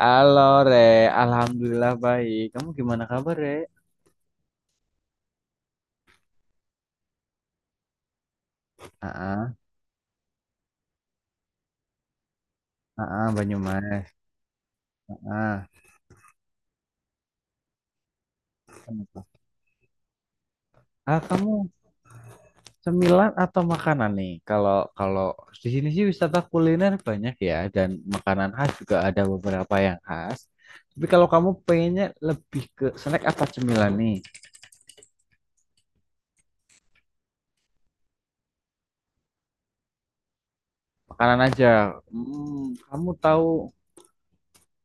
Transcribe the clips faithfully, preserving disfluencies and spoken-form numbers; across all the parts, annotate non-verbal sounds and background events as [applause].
Halo Re, Alhamdulillah baik. Kamu gimana kabar Re? Ah, ah, ah, Banyumas. Ah, ah, Kamu cemilan atau makanan nih? Kalau kalau di sini sih wisata kuliner banyak ya dan makanan khas juga ada beberapa yang khas. Tapi kalau kamu pengennya lebih ke snack apa cemilan nih? Makanan aja. Hmm, kamu tahu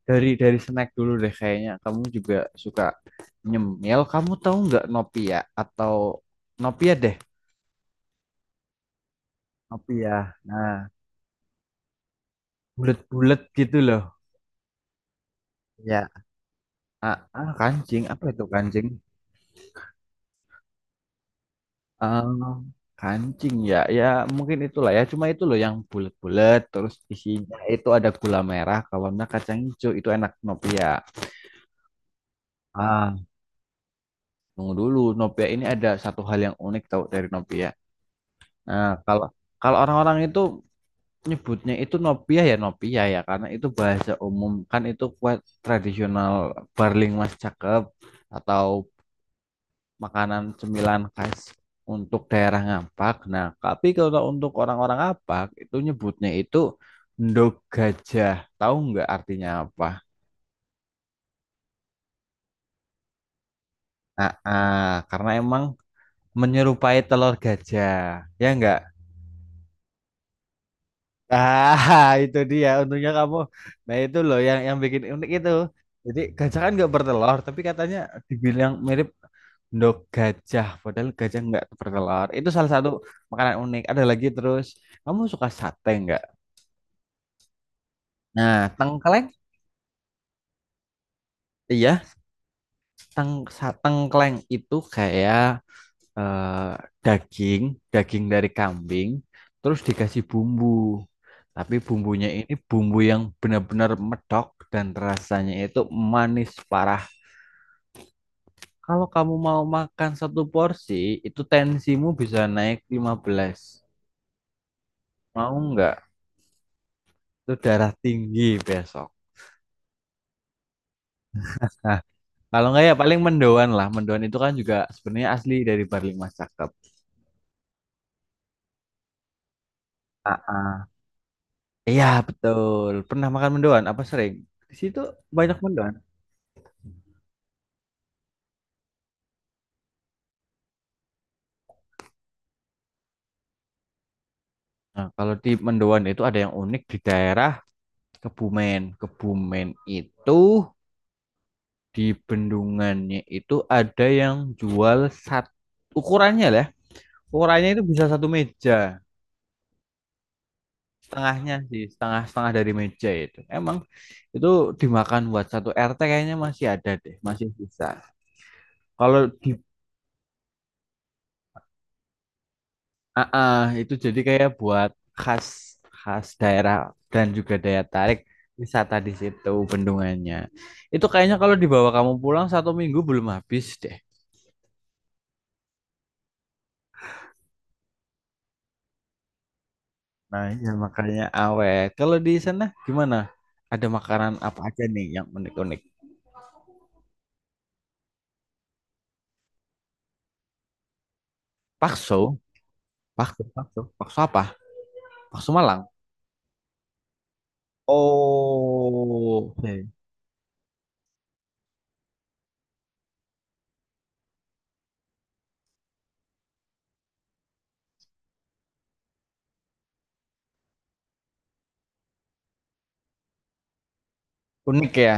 dari dari snack dulu deh kayaknya. Kamu juga suka nyemil. Kamu tahu nggak Nopia atau Nopia deh? Ngopi ya. Nah, bulat-bulat gitu loh. Ya. Ah, ah, kancing. Apa itu kancing? Eh, kancing ya. Ya, mungkin itulah ya. Cuma itu loh yang bulat-bulat. Terus isinya itu ada gula merah. Kalau enggak kacang hijau. Itu enak Nopia. Ah, Tunggu dulu. Nopia ini ada satu hal yang unik tahu dari Nopia. Nah, kalau kalau orang-orang itu nyebutnya itu Nopia ya Nopia ya. Karena itu bahasa umum. Kan itu kue tradisional Barling Mas Cakep. Atau makanan cemilan khas untuk daerah Ngapak. Nah, tapi kalau untuk orang-orang Ngapak itu nyebutnya itu endog gajah. Tahu nggak artinya apa? Ah, ah, karena emang menyerupai telur gajah. Ya nggak? Ah, [laughs] itu dia untungnya kamu. Nah, itu loh yang yang bikin unik itu. Jadi gajah kan nggak bertelur, tapi katanya dibilang mirip endog gajah, padahal gajah nggak bertelur. Itu salah satu makanan unik. Ada lagi terus, kamu suka sate nggak? Nah, tengkleng, iya, teng, sa- tengkleng itu kayak eh, daging, daging dari kambing, terus dikasih bumbu. Tapi bumbunya ini bumbu yang benar-benar medok dan rasanya itu manis parah. Kalau kamu mau makan satu porsi, itu tensimu bisa naik lima belas. Mau nggak? Itu darah tinggi besok. Nah, kalau nggak ya paling mendoan lah. Mendoan itu kan juga sebenarnya asli dari Barli Mas Cakep. Iya betul. Pernah makan mendoan? Apa sering? Di situ banyak mendoan. Nah, kalau di mendoan itu ada yang unik di daerah Kebumen. Kebumen itu di bendungannya itu ada yang jual sat ukurannya lah. Ya. Ukurannya itu bisa satu meja. Setengahnya sih, setengah-setengah dari meja itu. Emang itu dimakan buat satu R T kayaknya masih ada deh, masih bisa. Kalau di Ah, ah, itu jadi kayak buat khas khas daerah dan juga daya tarik wisata di situ bendungannya. Itu kayaknya kalau dibawa kamu pulang satu minggu belum habis deh. Nah, ya makanya awet. Kalau di sana gimana? Ada makanan apa aja nih yang unik-unik? Bakso, bakso, bakso, bakso apa? Bakso Malang. Oh, oke. Unik ya.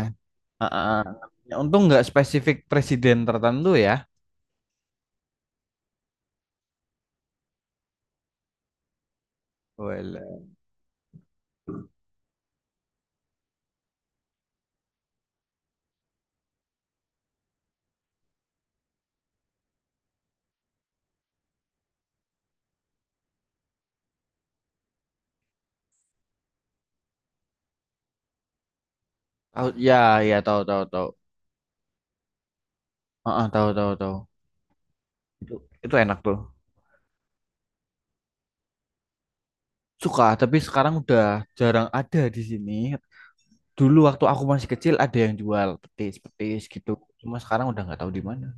Ah, ah, ah. Ya, untung nggak spesifik presiden tertentu ya. Wala. Tahu ya, ya tahu tahu tahu. Heeh, tahu tahu tahu. Itu itu enak tuh. Suka, tapi sekarang udah jarang ada di sini. Dulu waktu aku masih kecil ada yang jual petis-petis gitu. Cuma sekarang udah nggak tahu di mana.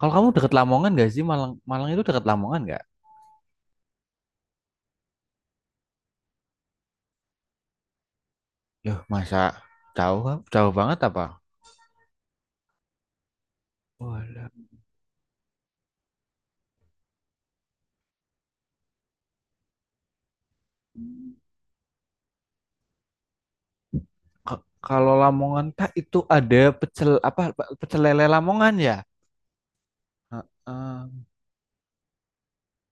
Kalau kamu deket Lamongan gak sih? Malang Malang itu deket Lamongan nggak? Yuh, masa jauh jauh banget apa? Walah. Ka- Kalau Lamongan tak itu ada pecel apa pecel lele Lamongan ya? Heeh.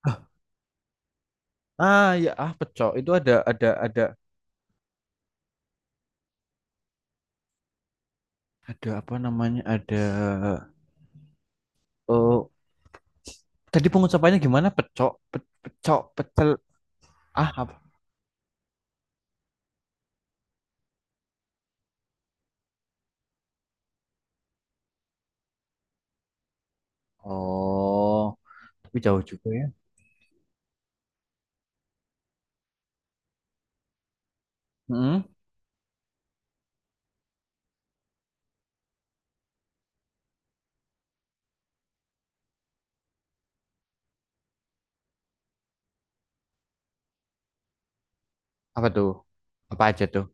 Ah ah, Ya, ah pecel itu ada ada ada ada apa namanya, ada eh, tadi pengucapannya gimana? Pecok, pe- pecok, pecel. Ah, apa? Oh, tapi jauh juga ya. Mm-mm. Apa tuh? Apa aja tuh?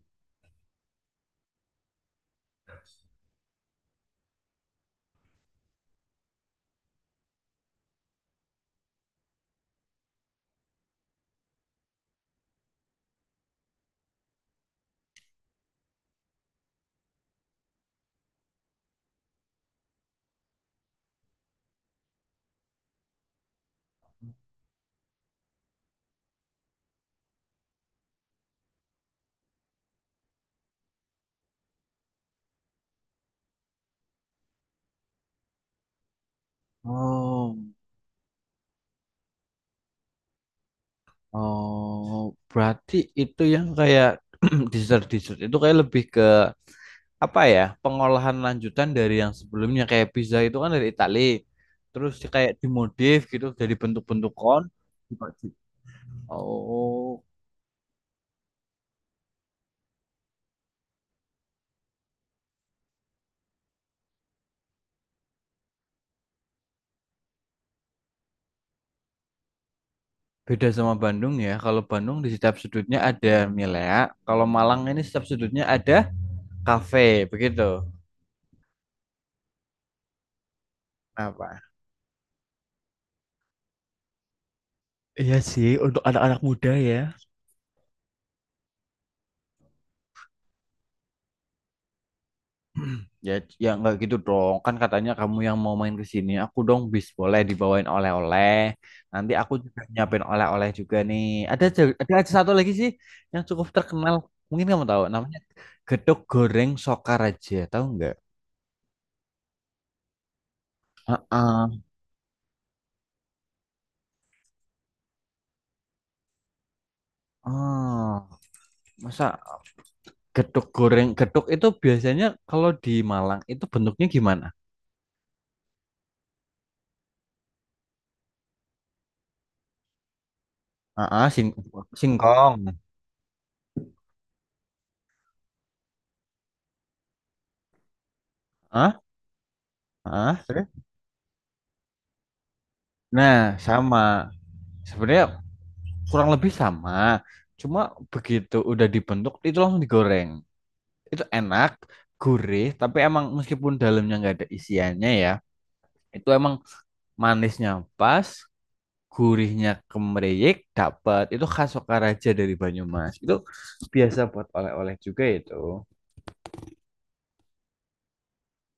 Oh, oh, berarti itu yang kayak [clears throat] dessert dessert itu kayak lebih ke apa ya? Pengolahan lanjutan dari yang sebelumnya kayak pizza itu kan dari Itali. Terus kayak dimodif gitu jadi bentuk-bentuk kon. Oh, beda sama Bandung ya. Kalau Bandung di setiap sudutnya ada milea. Kalau Malang ini setiap sudutnya ada kafe, begitu. Apa? Iya sih, untuk anak-anak muda ya. [clears throat] Ya, ya nggak gitu dong. Kan katanya kamu yang mau main ke sini, aku dong bis boleh dibawain oleh-oleh. Nanti aku juga nyiapin oleh-oleh juga nih. Ada ja- ada aja satu lagi sih yang cukup terkenal. Mungkin kamu tahu namanya gedok goreng Sokaraja, tahu nggak? Heeh. Ah, Masa gedok goreng, gedok itu biasanya kalau di Malang itu bentuknya gimana? Ah, sing singkong. Ah, ah. Terus? Nah, sama. Sebenarnya kurang lebih sama. Cuma begitu udah dibentuk itu langsung digoreng. Itu enak, gurih, tapi emang meskipun dalamnya nggak ada isiannya ya, itu emang manisnya pas, gurihnya kemeriyek, dapat. Itu khas Sokaraja dari Banyumas. Itu biasa buat oleh-oleh juga itu.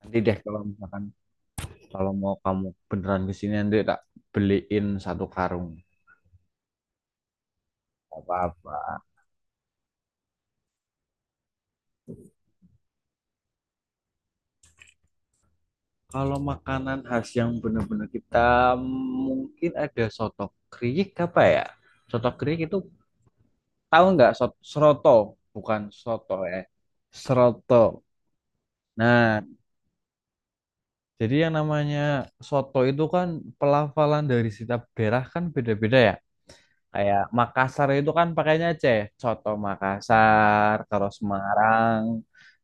Nanti deh kalau misalkan. Kalau mau kamu beneran kesini nanti tak beliin satu karung. Gak apa-apa. Kalau makanan khas yang bener-bener kita mungkin ada soto kriik apa ya? Soto kriik itu tahu nggak sot- seroto? Bukan soto eh. Seroto. Nah, jadi yang namanya soto itu kan pelafalan dari setiap daerah kan beda-beda ya. Kayak Makassar itu kan pakainya C, soto Makassar, terus Semarang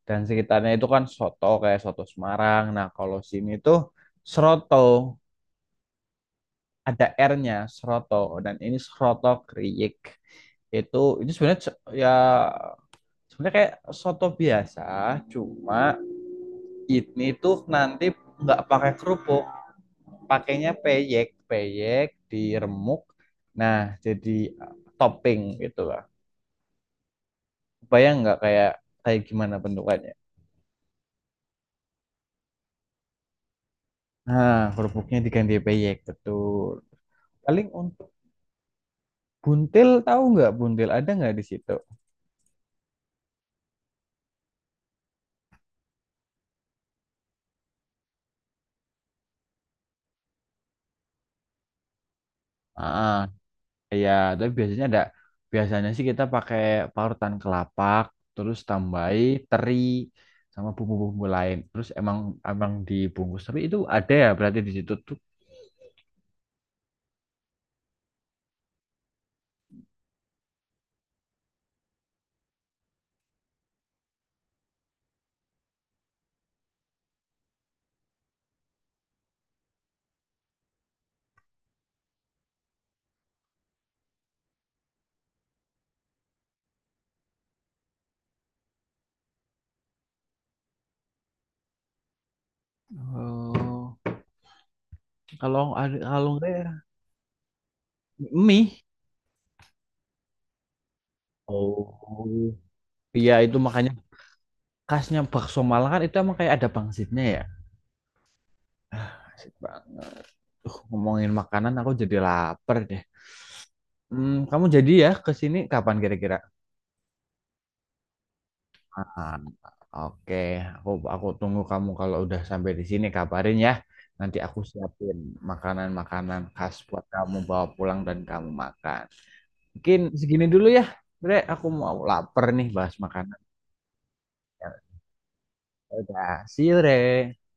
dan sekitarnya itu kan soto kayak soto Semarang. Nah, kalau sini tuh seroto ada R-nya, seroto dan ini seroto kriik. Itu ini sebenarnya se- ya sebenarnya kayak soto biasa, cuma ini tuh nanti nggak pakai kerupuk, pakainya peyek, peyek diremuk. Nah, jadi uh, topping gitu kan. Bayang nggak kayak kayak gimana bentukannya? Nah, kerupuknya diganti peyek, betul. Paling untuk buntil tahu nggak buntil ada nggak di situ? Ah, Ya, tapi biasanya ada. Biasanya sih kita pakai parutan kelapa, terus tambahi teri sama bumbu-bumbu lain. Terus emang emang dibungkus. Tapi itu ada ya berarti di situ tuh. Oh, kalau ada kalau nggak ya mie. Oh, iya itu makanya khasnya bakso Malang kan itu emang kayak ada pangsitnya ya. Asik banget. Uh, ngomongin makanan aku jadi lapar deh. Hmm, kamu jadi ya ke sini kapan kira-kira? Ah, Oke, Aku aku tunggu kamu kalau udah sampai di sini kabarin ya. Nanti aku siapin makanan-makanan khas buat kamu bawa pulang dan kamu makan. Mungkin segini dulu ya, Bre. Aku mau lapar nih bahas makanan. Ya udah, see you, Re.